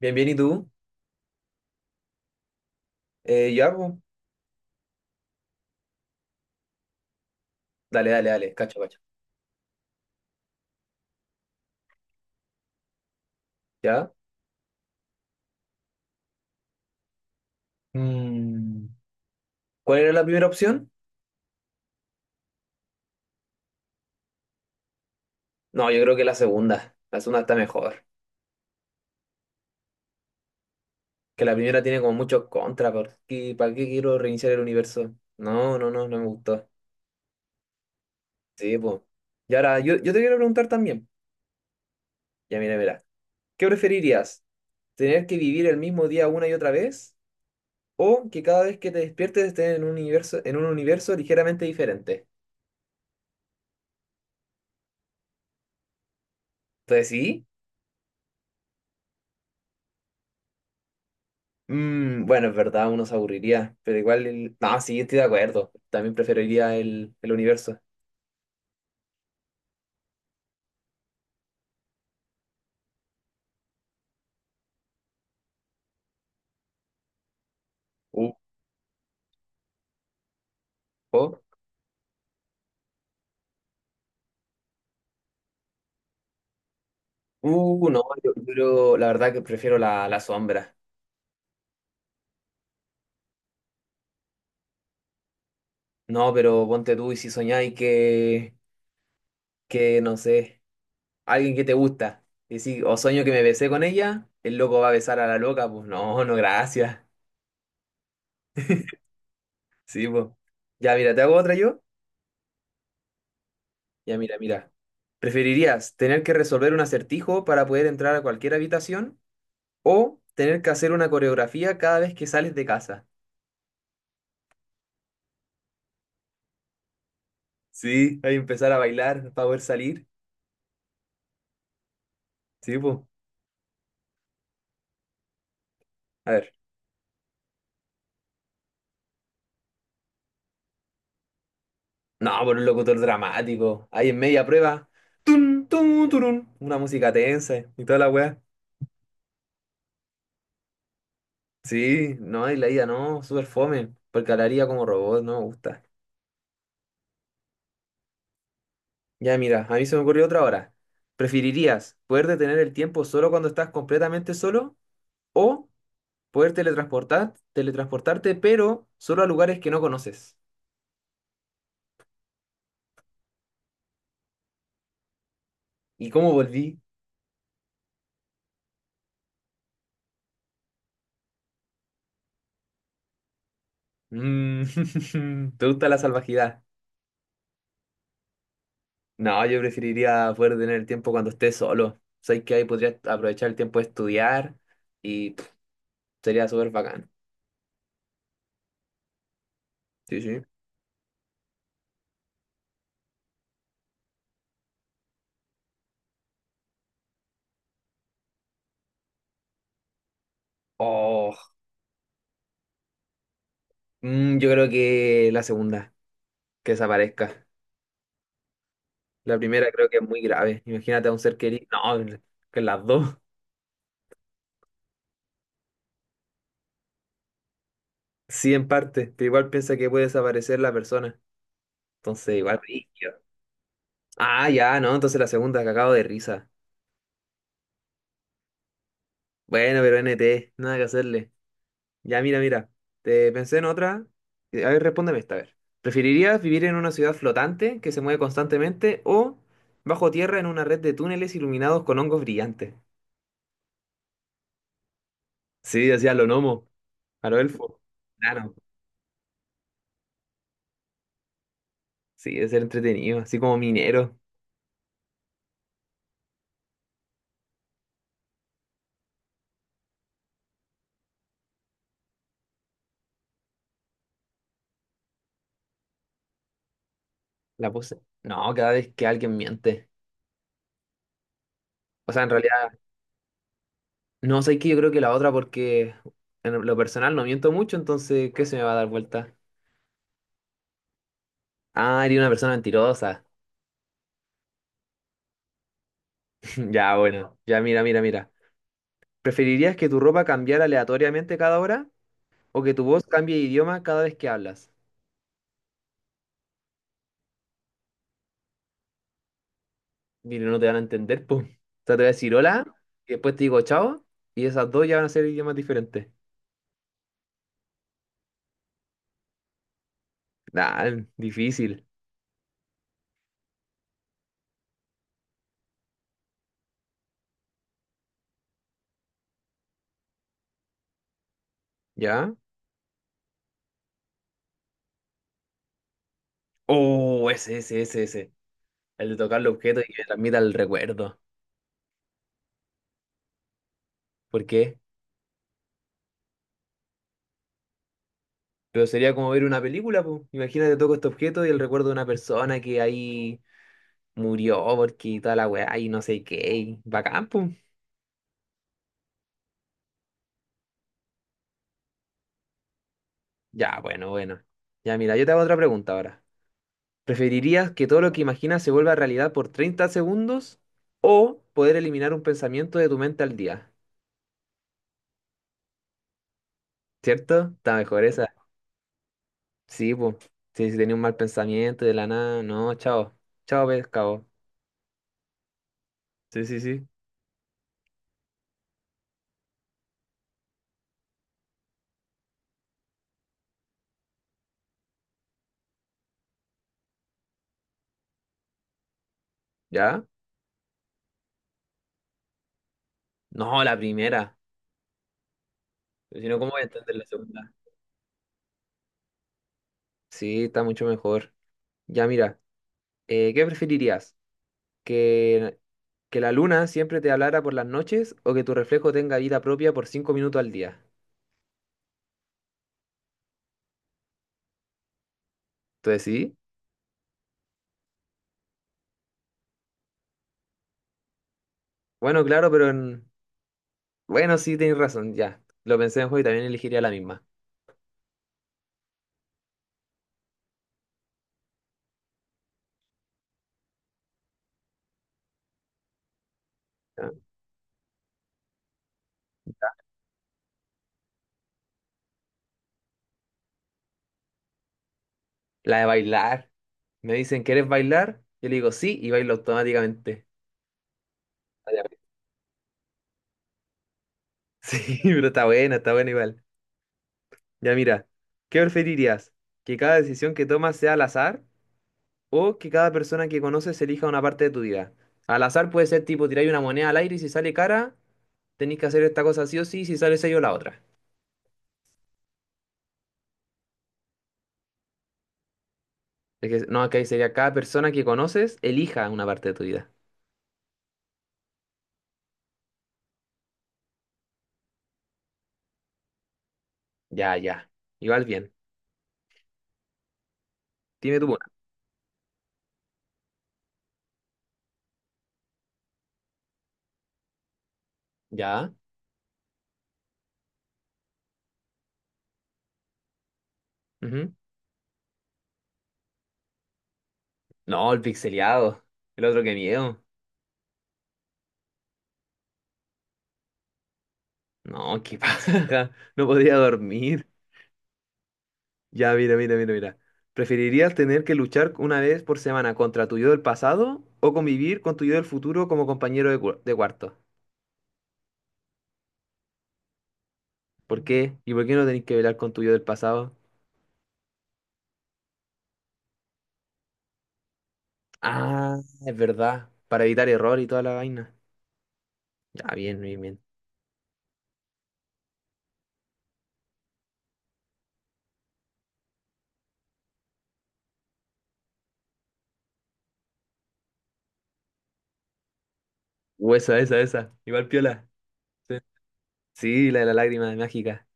Bien, bien, ¿y tú? Ya, pues. Dale, dale, dale, cacho, cacho. ¿Ya? Mm, ¿Cuál era la primera opción? No, yo creo que la segunda. La segunda está mejor. Que la primera tiene como muchos contras. ¿Por qué, para qué quiero reiniciar el universo? No, no, no, no me gustó. Sí, pues. Y ahora, yo te quiero preguntar también. Ya, mira, mira. ¿Qué preferirías? ¿Tener que vivir el mismo día una y otra vez? ¿O que cada vez que te despiertes estés en un universo ligeramente diferente? Entonces, sí. Bueno, es verdad, uno se aburriría, pero igual, no, sí, estoy de acuerdo. También preferiría el universo. Uh, oh. No, yo la verdad que prefiero la sombra. No, pero ponte tú y si soñáis que, no sé, alguien que te gusta, y si, o sueño que me besé con ella, el loco va a besar a la loca, pues no, no, gracias. Sí, pues. Ya, mira, ¿te hago otra yo? Ya, mira, mira. ¿Preferirías tener que resolver un acertijo para poder entrar a cualquier habitación? ¿O tener que hacer una coreografía cada vez que sales de casa? Sí, hay que empezar a bailar para poder salir. Sí, pues. A ver. No, por un locutor dramático. Ahí en media prueba. Tun, tun, turun. Una música tensa y toda la weá. Sí, no, y la ida no, súper fome. Porque hablaría como robot, no me gusta. Ya, mira, a mí se me ocurrió otra hora. ¿Preferirías poder detener el tiempo solo cuando estás completamente solo? ¿O poder teletransportarte, pero solo a lugares que no conoces? ¿Y cómo volví? Mm, ¿Te gusta la salvajidad? No, yo preferiría poder tener el tiempo cuando esté solo. Sabes que ahí podría aprovechar el tiempo de estudiar y pff, sería súper bacán. Sí, sí. Oh, yo creo que la segunda, que desaparezca. La primera creo que es muy grave. Imagínate a un ser querido. No, que las dos. Sí, en parte, pero igual piensa que puede desaparecer la persona. Entonces, igual brígido. Ah, ya, no, entonces la segunda, que acabo de risa. Bueno, pero NT, nada que hacerle. Ya, mira, mira. Te pensé en otra. A ver, respóndeme esta, a ver. ¿Preferirías vivir en una ciudad flotante que se mueve constantemente o bajo tierra en una red de túneles iluminados con hongos brillantes? Sí, hacía lo gnomo, a lo elfo. Claro, sí, es ser entretenido, así como minero. La puse. No, cada vez que alguien miente. O sea, en realidad, no sé qué, yo creo que la otra porque en lo personal no miento mucho, entonces, ¿qué se me va a dar vuelta? Ah, eres una persona mentirosa. Ya, bueno, ya mira, mira, mira. ¿Preferirías que tu ropa cambiara aleatoriamente cada hora o que tu voz cambie de idioma cada vez que hablas? Mira, no te van a entender, po. O sea, te voy a decir hola, y después te digo chao, y esas dos ya van a ser idiomas diferentes. Nah, difícil, ¿ya? Oh, ese, ese, ese, ese. El de tocar los objetos y que me transmita el recuerdo. ¿Por qué? Pero sería como ver una película, po. Imagínate, toco este objeto y el recuerdo de una persona que ahí murió porque toda la weá y no sé qué. Y bacán, po. Ya, bueno, bueno. Ya, mira, yo te hago otra pregunta ahora. ¿Preferirías que todo lo que imaginas se vuelva realidad por 30 segundos o poder eliminar un pensamiento de tu mente al día? ¿Cierto? Está mejor esa. Sí, pues. Sí, si tenía un mal pensamiento de la nada, no, chao. Chao, pescado. Sí, sí, sí. ¿Ya? No, la primera. Pero si no, ¿cómo voy a entender la segunda? Sí, está mucho mejor. Ya, mira, ¿qué preferirías? que, que la luna siempre te hablara por las noches o que tu reflejo tenga vida propia por 5 minutos al día. Entonces sí, bueno, claro, pero en- bueno, sí, tienes razón, ya. Lo pensé mejor y también elegiría la misma. ¿Ya? La de bailar. Me dicen, ¿quieres bailar? Yo le digo sí y bailo automáticamente. Ah, ya. Sí, pero está buena igual. Ya mira, ¿qué preferirías? ¿Que cada decisión que tomas sea al azar o que cada persona que conoces elija una parte de tu vida? Al azar puede ser tipo tirar una moneda al aire y si sale cara, tenéis que hacer esta cosa sí o sí, si sale sello la otra. Es que, no, acá sería cada persona que conoces elija una parte de tu vida. Ya, ya. Igual bien. Dime tú una. Ya. Ujú. No, el pixeleado. El otro que miedo. No, qué pasa. No podía dormir. Ya, mira, mira, mira, mira. ¿Preferirías tener que luchar una vez por semana contra tu yo del pasado o convivir con tu yo del futuro como compañero de, de cuarto? ¿Por qué? ¿Y por qué no tenéis que velar con tu yo del pasado? Ah, es verdad. Para evitar error y toda la vaina. Ah, bien, bien, bien. Huesa, esa, esa. Igual piola. Sí, sí, la de la lágrima mágica.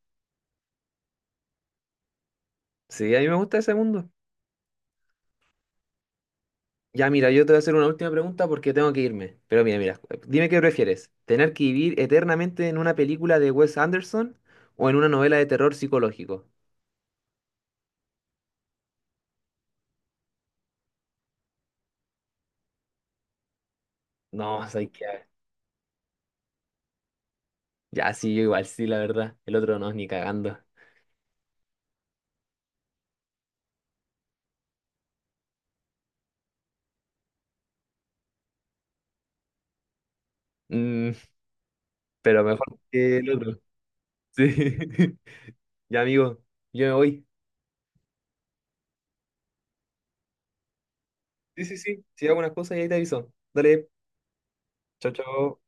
Sí, a mí me gusta ese mundo. Ya, mira, yo te voy a hacer una última pregunta porque tengo que irme. Pero mira, mira, dime qué prefieres. ¿Tener que vivir eternamente en una película de Wes Anderson o en una novela de terror psicológico? No, soy que... Ya, sí, yo igual, sí, la verdad. El otro no, ni cagando. Mm, pero mejor que el otro. Sí. Ya, amigo, yo me voy. Sí, sí, sí. Si hago unas cosas y ahí te aviso. Dale, chao, chao.